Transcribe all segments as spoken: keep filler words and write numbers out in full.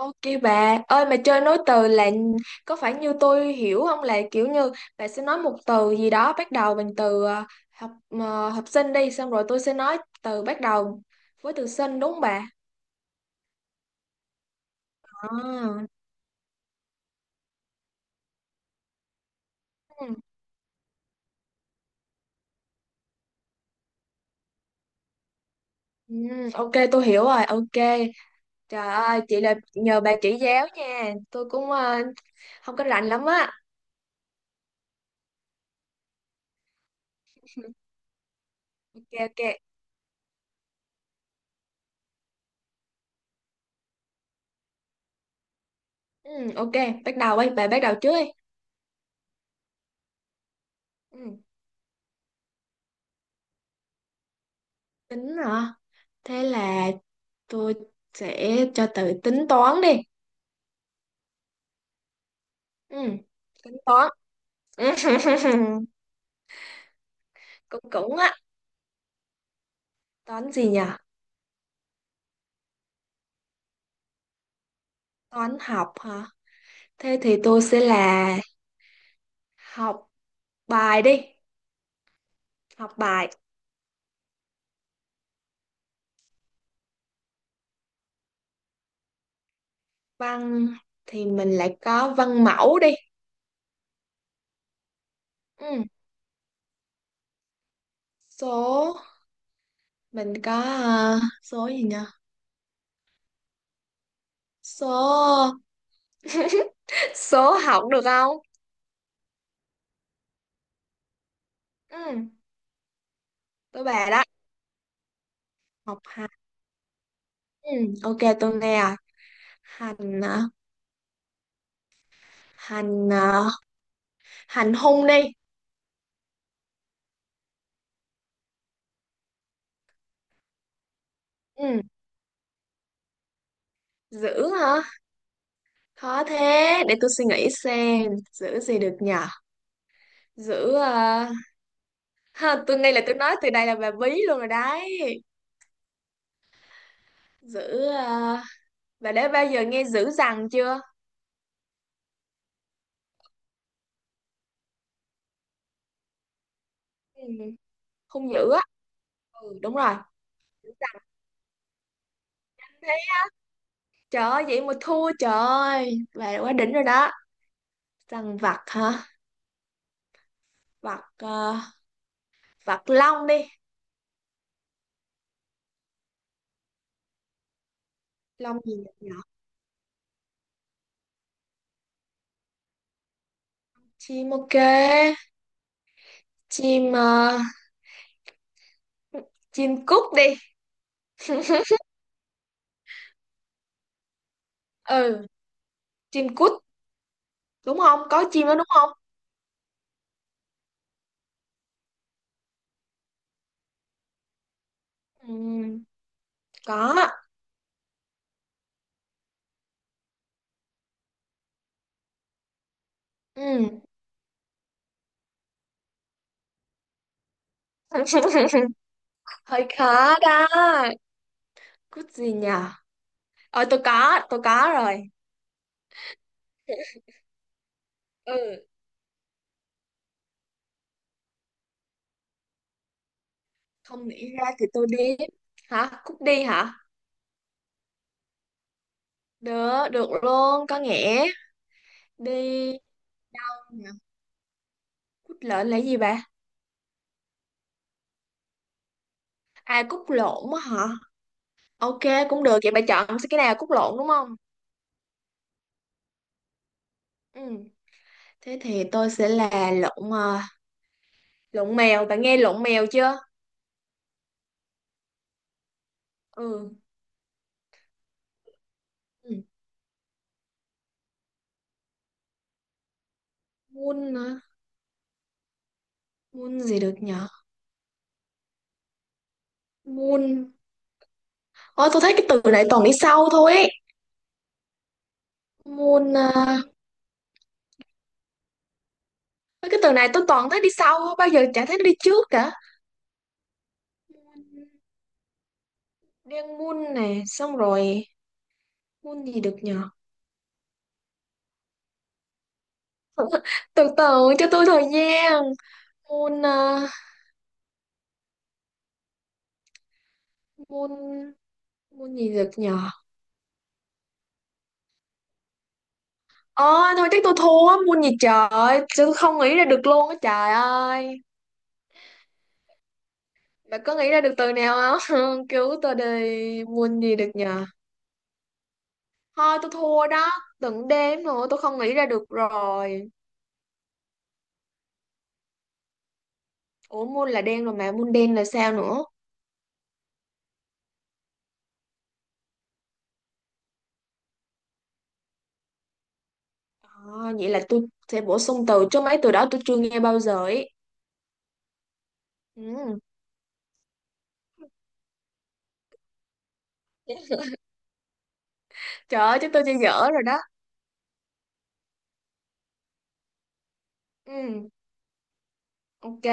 Ok bà, ơi mà chơi nối từ là có phải như tôi hiểu không, là kiểu như bà sẽ nói một từ gì đó bắt đầu bằng từ ờ, học ờ, học sinh đi, xong rồi tôi sẽ nói từ bắt đầu với từ sinh, đúng không bà? À. Ừ, ừ, ok tôi hiểu rồi, ok. Trời ơi, chị là nhờ bà chỉ giáo nha, tôi cũng ờ, không có rành lắm á. Ok ok. Ừ, ok, bắt đầu đi, bà bắt đầu trước đi. Ừ, tính hả? Thế là tôi sẽ cho từ tính toán đi. Ừ, tính toán. cũng cũng á, toán gì nhỉ? Toán học hả? Thế thì tôi sẽ là học bài đi. Học bài văn thì mình lại có văn mẫu đi. Ừ, số. Mình có ờ, số gì nhỉ? Số số học được không? Ừ, tôi bà đó. Học hành. Ừ, ok tôi nghe rồi. Hành hả? hành ờ, hành hung đi. Ừ, giữ hả? Khó thế, để tôi suy nghĩ xem. Giữ gì được nhở? Giữ ờ, ha, tôi ngay là tôi nói từ đây là bà bí luôn rồi đấy. Giữ ờ, bà đã bao giờ nghe giữ rằng chưa? Ừ. Hung dữ á. Ừ, đúng rồi. Dữ dằn. Thế, trời ơi vậy mà thua, trời ơi bà quá đỉnh rồi đó. Rằng vặt hả? vặt ờ, vặt long đi. Long gì nhỉ? Chim, ok. chim ờ, chim cút đi. Ừ, chim cút, đúng không, có chim đó đúng không? Ừ. Có ạ. Ừ. Hơi khó đó. Cút gì nhờ? Ờ, tôi có, tôi có rồi. Ừ, không nghĩ ra thì tôi đi. Hả? Cút đi hả? Được, được luôn, có nghĩa. Đi. Cút lợn là gì bà? À, cút lộn á hả? Ok cũng được, vậy bà chọn cái nào, cút lộn đúng không? Ừ. Thế thì tôi sẽ là lộn à, lộn mèo, bạn nghe lộn mèo chưa? Ừ. Ừ. Muôn hả? Muôn gì được nhở? Muôn Ôi, tôi thấy cái từ này toàn đi sau thôi ấy. Môn à, cái từ này tôi toàn thấy đi sau, không bao giờ chả thấy nó đi trước cả. Môn- Đen môn này xong rồi, môn gì được nhờ? Từ từ cho tôi thời gian. Môn à, môn môn gì được nhờ? Ờ thôi, chắc tôi thua. Môn gì trời, tôi không nghĩ ra được luôn á, trời ơi. Bạn có nghĩ ra được từ nào không? Cứu tôi đi. Môn gì được nhờ? Thôi tôi thua đó, từng đếm rồi, tôi không nghĩ ra được rồi. Ủa môn là đen rồi mà môn đen là sao nữa? À, vậy là tôi sẽ bổ sung từ, chứ mấy từ đó tôi chưa nghe bao giờ ấy. Ừ. Trời ơi chứ tôi chơi dở rồi đó. Ừ. Ok.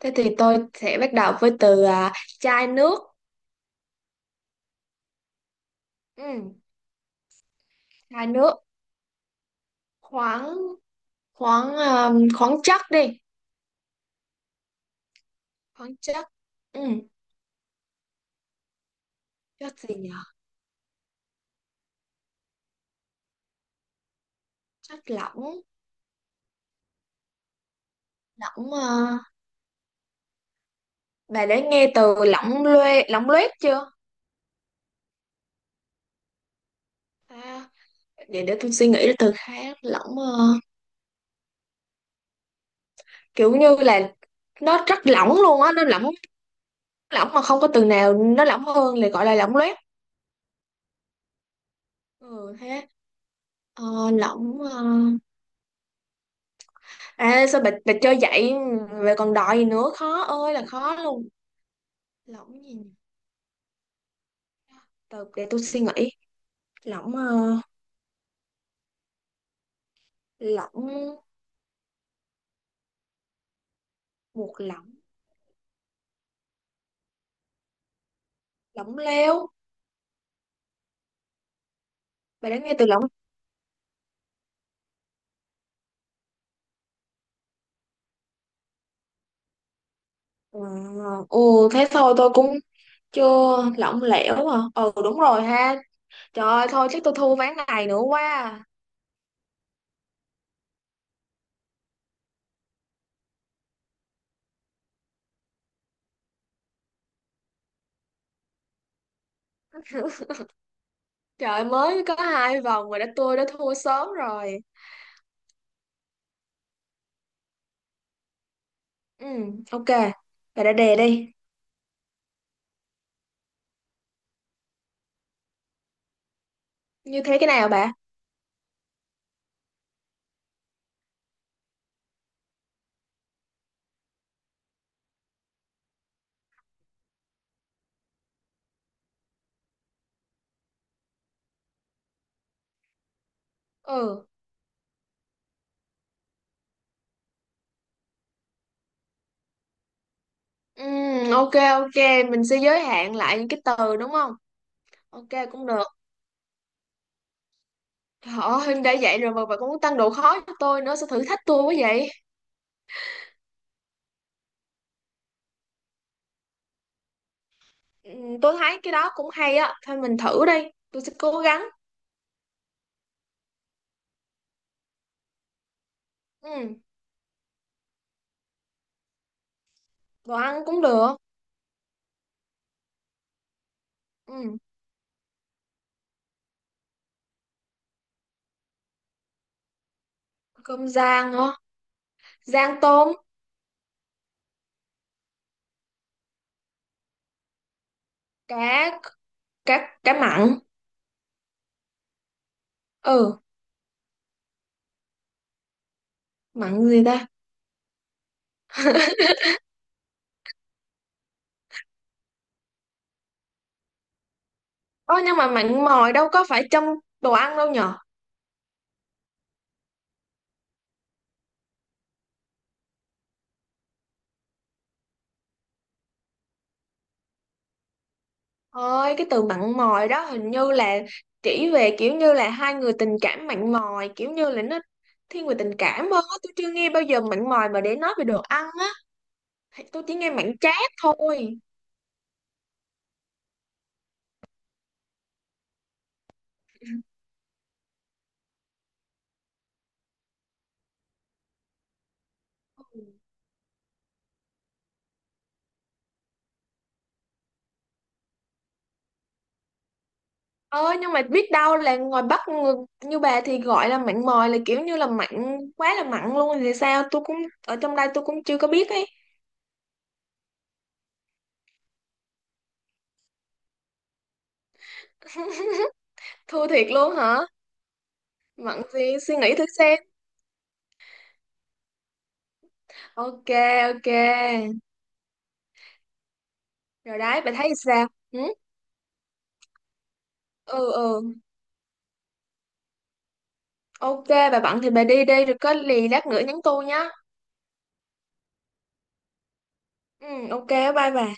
Thế thì tôi sẽ bắt đầu với từ à, chai nước. Ừ. Chai nước. Khoáng khoáng um, khoáng chất đi. Khoáng chất. Ừ. Chất gì nhỉ? Chất lỏng. Lỏng à, bà đã nghe từ lỏng loe lỏng loét chưa? À, để để tôi suy nghĩ từ khác. Lỏng à, kiểu như là nó rất lỏng luôn á, nó lỏng, lỏng mà không có từ nào nó lỏng hơn là gọi là lỏng loét. Ừ thế ờ, lỏng ờ. À sao bà, bà chơi vậy, về còn đòi gì nữa, khó ơi là khó luôn. Lỏng gì nhỉ? Từ để tôi suy nghĩ. Lỏng ờ, lỏng một lỏng lỏng lẻo. Bà đã nghe từ lỏng... Ờ, ừ thế thôi, tôi cũng chưa lỏng lẻo à? Ừ đúng rồi ha. Trời ơi thôi, chắc tôi thua ván này nữa quá à. Trời ơi, mới có hai vòng mà đã tôi đã thua sớm rồi. Ừ, ok. Bà đã đề đi. Như thế cái nào bà? Ừ. Ừ, ok ok, mình sẽ giới hạn lại những cái từ đúng không? Ok cũng được. Trời ơi, đã vậy rồi mà bà cũng tăng độ khó cho tôi nữa, sao thử thách tôi quá vậy? Ừ, tôi thấy cái đó cũng hay á, thôi mình thử đi, tôi sẽ cố gắng. Ừ, đồ ăn cũng được. Ừ, cơm rang hả? Rang tôm, cá cá cá mặn. Ừ, mặn gì ta? Ôi nhưng mà mặn mòi đâu có phải trong đồ ăn đâu nhở? Ôi cái từ mặn mòi đó hình như là chỉ về kiểu như là hai người tình cảm mặn mòi, kiểu như là nó thiên về tình cảm hơn á. Tôi chưa nghe bao giờ mặn mòi mà để nói về đồ ăn á. Thì tôi chỉ nghe mặn chát thôi. Ôi nhưng mà biết đâu là ngoài Bắc người, như bà thì gọi là mặn mòi là kiểu như là mặn quá là mặn luôn thì sao, tôi cũng ở trong đây tôi cũng chưa có biết ấy. Thua thiệt luôn hả? Mặn gì, suy nghĩ thử xem. Ok ok. Rồi đấy, bà thấy sao? Ừ, ừ, ừ. Ok, bà bận thì bà đi đi, rồi có lì lát nữa nhắn tôi nhá. Ừ, ok, bye bà.